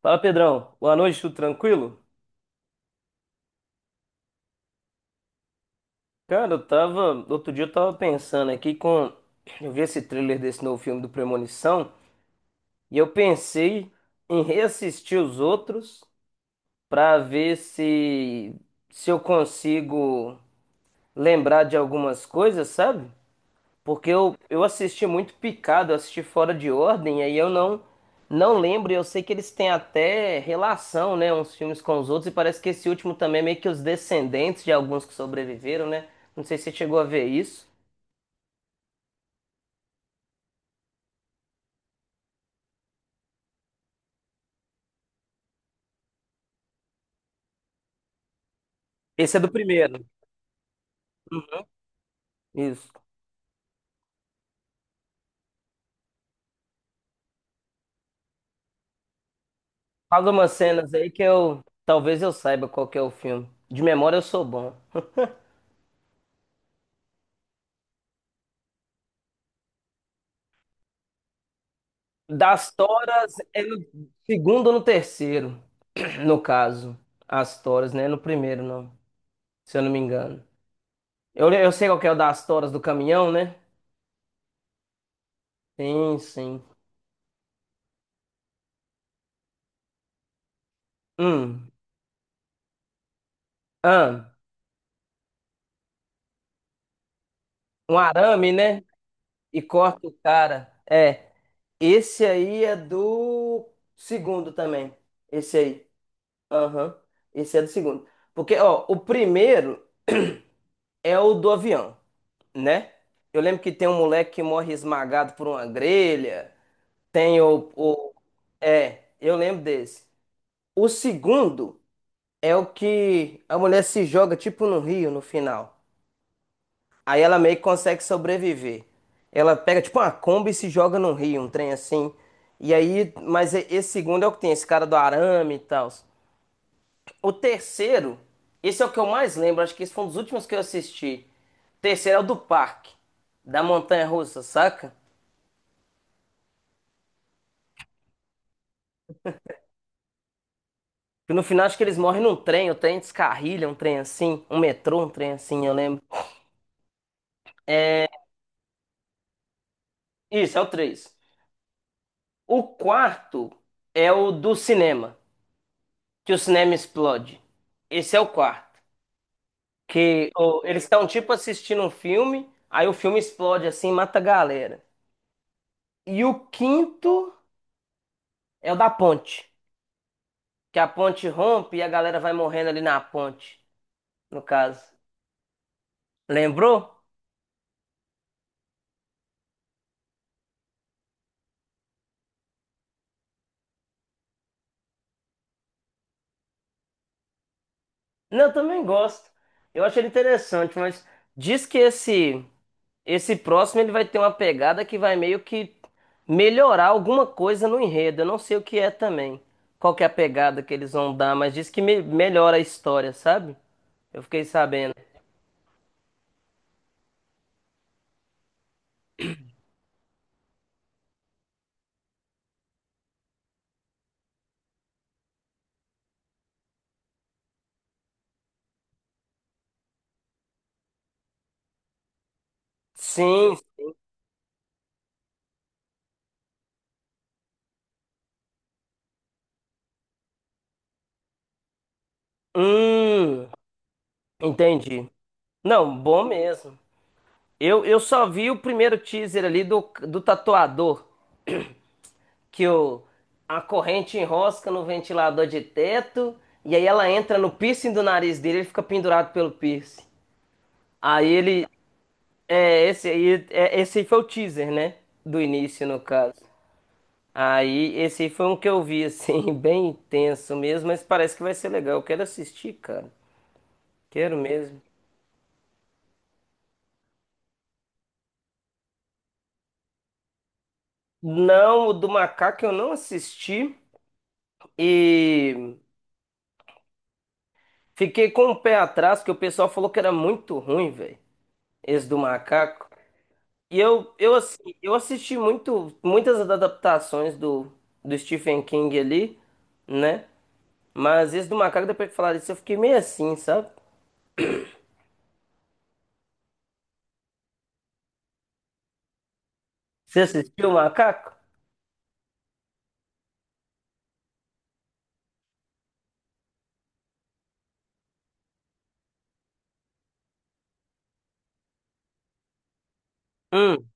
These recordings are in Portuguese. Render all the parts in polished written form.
Fala, Pedrão. Boa noite, tudo tranquilo? Cara, eu tava. Outro dia eu tava pensando aqui com. Eu vi esse trailer desse novo filme do Premonição e eu pensei em reassistir os outros pra ver se. Se eu consigo lembrar de algumas coisas, sabe? Porque eu assisti muito picado, eu assisti fora de ordem, aí eu não não lembro, e eu sei que eles têm até relação, né, uns filmes com os outros, e parece que esse último também é meio que os descendentes de alguns que sobreviveram, né? Não sei se você chegou a ver isso. Esse é do primeiro. Isso. Fala umas cenas aí que eu talvez eu saiba qual que é o filme. De memória eu sou bom. Das toras é no segundo ou no terceiro, no caso. As toras, né? No primeiro, não. Se eu não me engano. Eu sei qual que é o das toras do caminhão, né? Sim, sim. Hum. Ah, um arame, né? E corta o cara. É. Esse aí é do segundo também. Esse aí. Aham. Esse é do segundo. Porque, ó, o primeiro é o do avião, né? Eu lembro que tem um moleque que morre esmagado por uma grelha. Tem o... É, eu lembro desse. O segundo é o que a mulher se joga tipo no rio no final. Aí ela meio que consegue sobreviver. Ela pega tipo uma Kombi e se joga num rio, um trem assim. E aí, mas esse segundo é o que tem, esse cara do arame e tal. O terceiro, esse é o que eu mais lembro, acho que esse foi um dos últimos que eu assisti. O terceiro é o do parque, da montanha russa, saca? Que no final acho que eles morrem num trem, o trem descarrilha, um trem assim, um metrô, um trem assim, eu lembro. É, isso, é o 3. O quarto é o do cinema, que o cinema explode. Esse é o quarto. Que ô, eles estão tipo assistindo um filme, aí o filme explode assim, mata a galera. E o quinto é o da ponte, que a ponte rompe e a galera vai morrendo ali na ponte, no caso. Lembrou? Não, eu também gosto. Eu acho ele interessante, mas diz que esse próximo ele vai ter uma pegada que vai meio que melhorar alguma coisa no enredo. Eu não sei o que é também. Qual que é a pegada que eles vão dar, mas diz que melhora a história, sabe? Eu fiquei sabendo. Sim. Hum, entendi. Não, bom mesmo. Eu só vi o primeiro teaser ali do, do tatuador, que o, a corrente enrosca no ventilador de teto, e aí ela entra no piercing do nariz dele, ele fica pendurado pelo piercing. Aí ele. É, esse aí foi o teaser, né? Do início, no caso. Aí, esse aí foi um que eu vi, assim, bem intenso mesmo, mas parece que vai ser legal. Eu quero assistir, cara. Quero mesmo. Não, o do macaco eu não assisti e fiquei com o pé atrás, porque o pessoal falou que era muito ruim, velho, esse do macaco. E eu, assim, eu assisti muito, muitas adaptações do, do Stephen King ali, né? Mas esse do macaco, depois que falaram isso, eu fiquei meio assim, sabe? Você assistiu o macaco? Hum.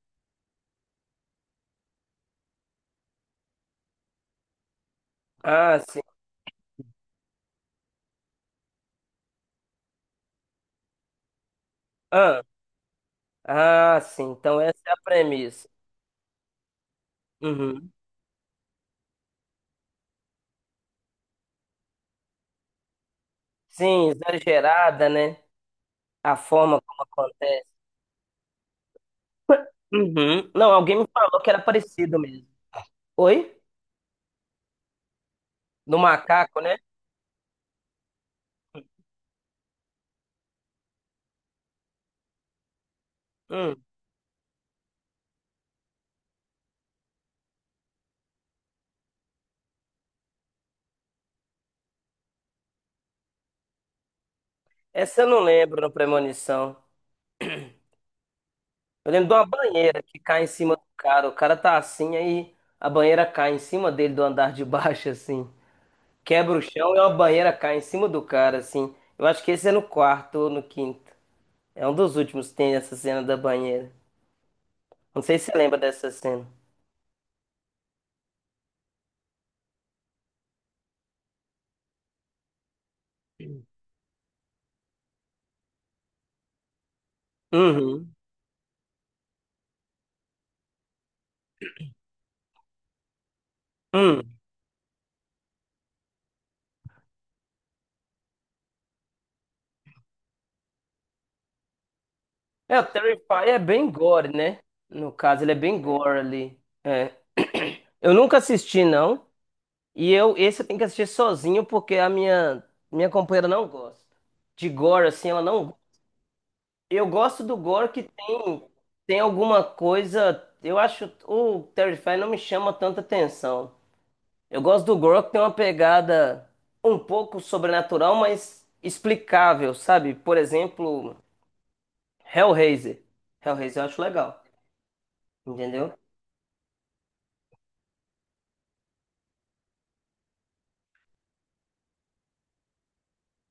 Ah, sim. Ah, ah, sim. Então essa é a premissa. Uhum. Sim, exagerada, né? A forma como acontece. Uhum. Não, alguém me falou que era parecido mesmo. Oi? No macaco, né? Hum. Essa eu não lembro no Premonição. Eu lembro de uma banheira que cai em cima do cara. O cara tá assim, aí a banheira cai em cima dele do andar de baixo, assim. Quebra o chão e uma banheira cai em cima do cara, assim. Eu acho que esse é no quarto ou no quinto. É um dos últimos que tem essa cena da banheira. Não sei se você lembra dessa cena. Uhum. Hum. É, o Terrify é bem gore, né? No caso, ele é bem gore ali. É. Eu nunca assisti, não. Esse eu tenho que assistir sozinho porque minha companheira não gosta. De gore, assim, ela não. Eu gosto do gore que tem, tem alguma coisa. Eu acho o Terrify não me chama tanta atenção. Eu gosto do gore que tem uma pegada um pouco sobrenatural, mas explicável, sabe? Por exemplo, Hellraiser. Hellraiser eu acho legal, entendeu?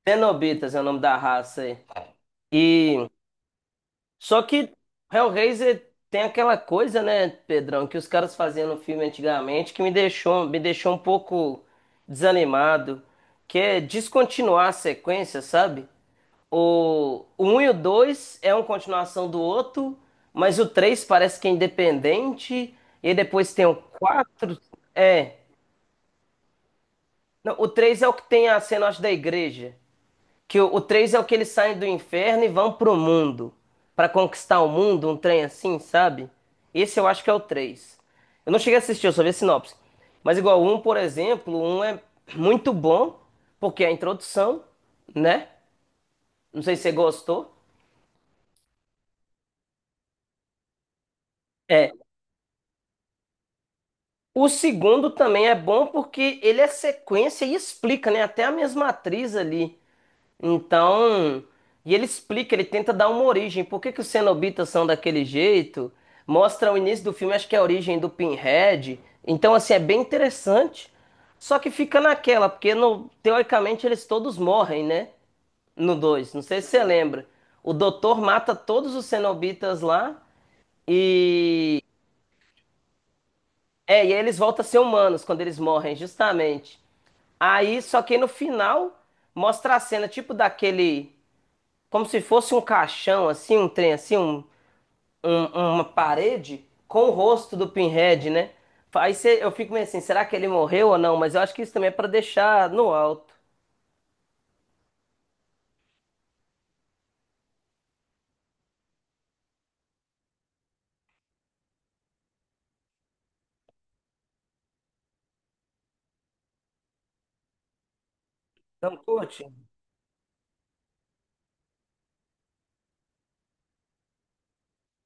Cenobitas é o nome da raça aí. E só que Hellraiser tem aquela coisa, né, Pedrão, que os caras faziam no filme antigamente que me deixou um pouco desanimado, que é descontinuar a sequência, sabe? O 1 e o 2 é uma continuação do outro, mas o 3 parece que é independente, e depois tem o 4 é. Não, o 3 é o que tem a cena, acho, da igreja. Que o 3 é o que eles saem do inferno e vão pro mundo. Pra conquistar o mundo, um trem assim, sabe? Esse eu acho que é o três. Eu não cheguei a assistir, eu só vi a sinopse. Mas igual o um, por exemplo, o um é muito bom, porque é a introdução, né? Não sei se você gostou. É. O segundo também é bom porque ele é sequência e explica, né? Até a mesma atriz ali. Então, e ele explica, ele tenta dar uma origem. Por que que os cenobitas são daquele jeito? Mostra o início do filme, acho que é a origem do Pinhead. Então, assim, é bem interessante. Só que fica naquela, porque teoricamente eles todos morrem, né? No 2, não sei se você lembra. O doutor mata todos os cenobitas lá e. É, e aí eles voltam a ser humanos quando eles morrem, justamente. Aí, só que no final mostra a cena tipo daquele como se fosse um caixão, assim, um trem, assim, um- uma parede com o rosto do Pinhead, né? Eu fico meio assim, será que ele morreu ou não? Mas eu acho que isso também é pra deixar no alto. Não curte?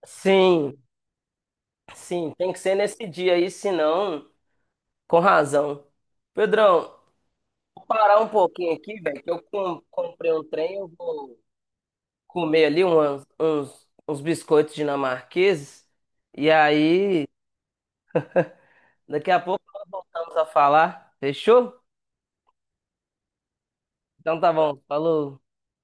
Sim, sim, tem que ser nesse dia aí, senão, com razão. Pedrão, vou parar um pouquinho aqui, velho, que eu comprei um trem, eu vou comer ali uns, uns biscoitos dinamarqueses, e aí, daqui a pouco nós voltamos a falar, fechou? Então tá bom, falou.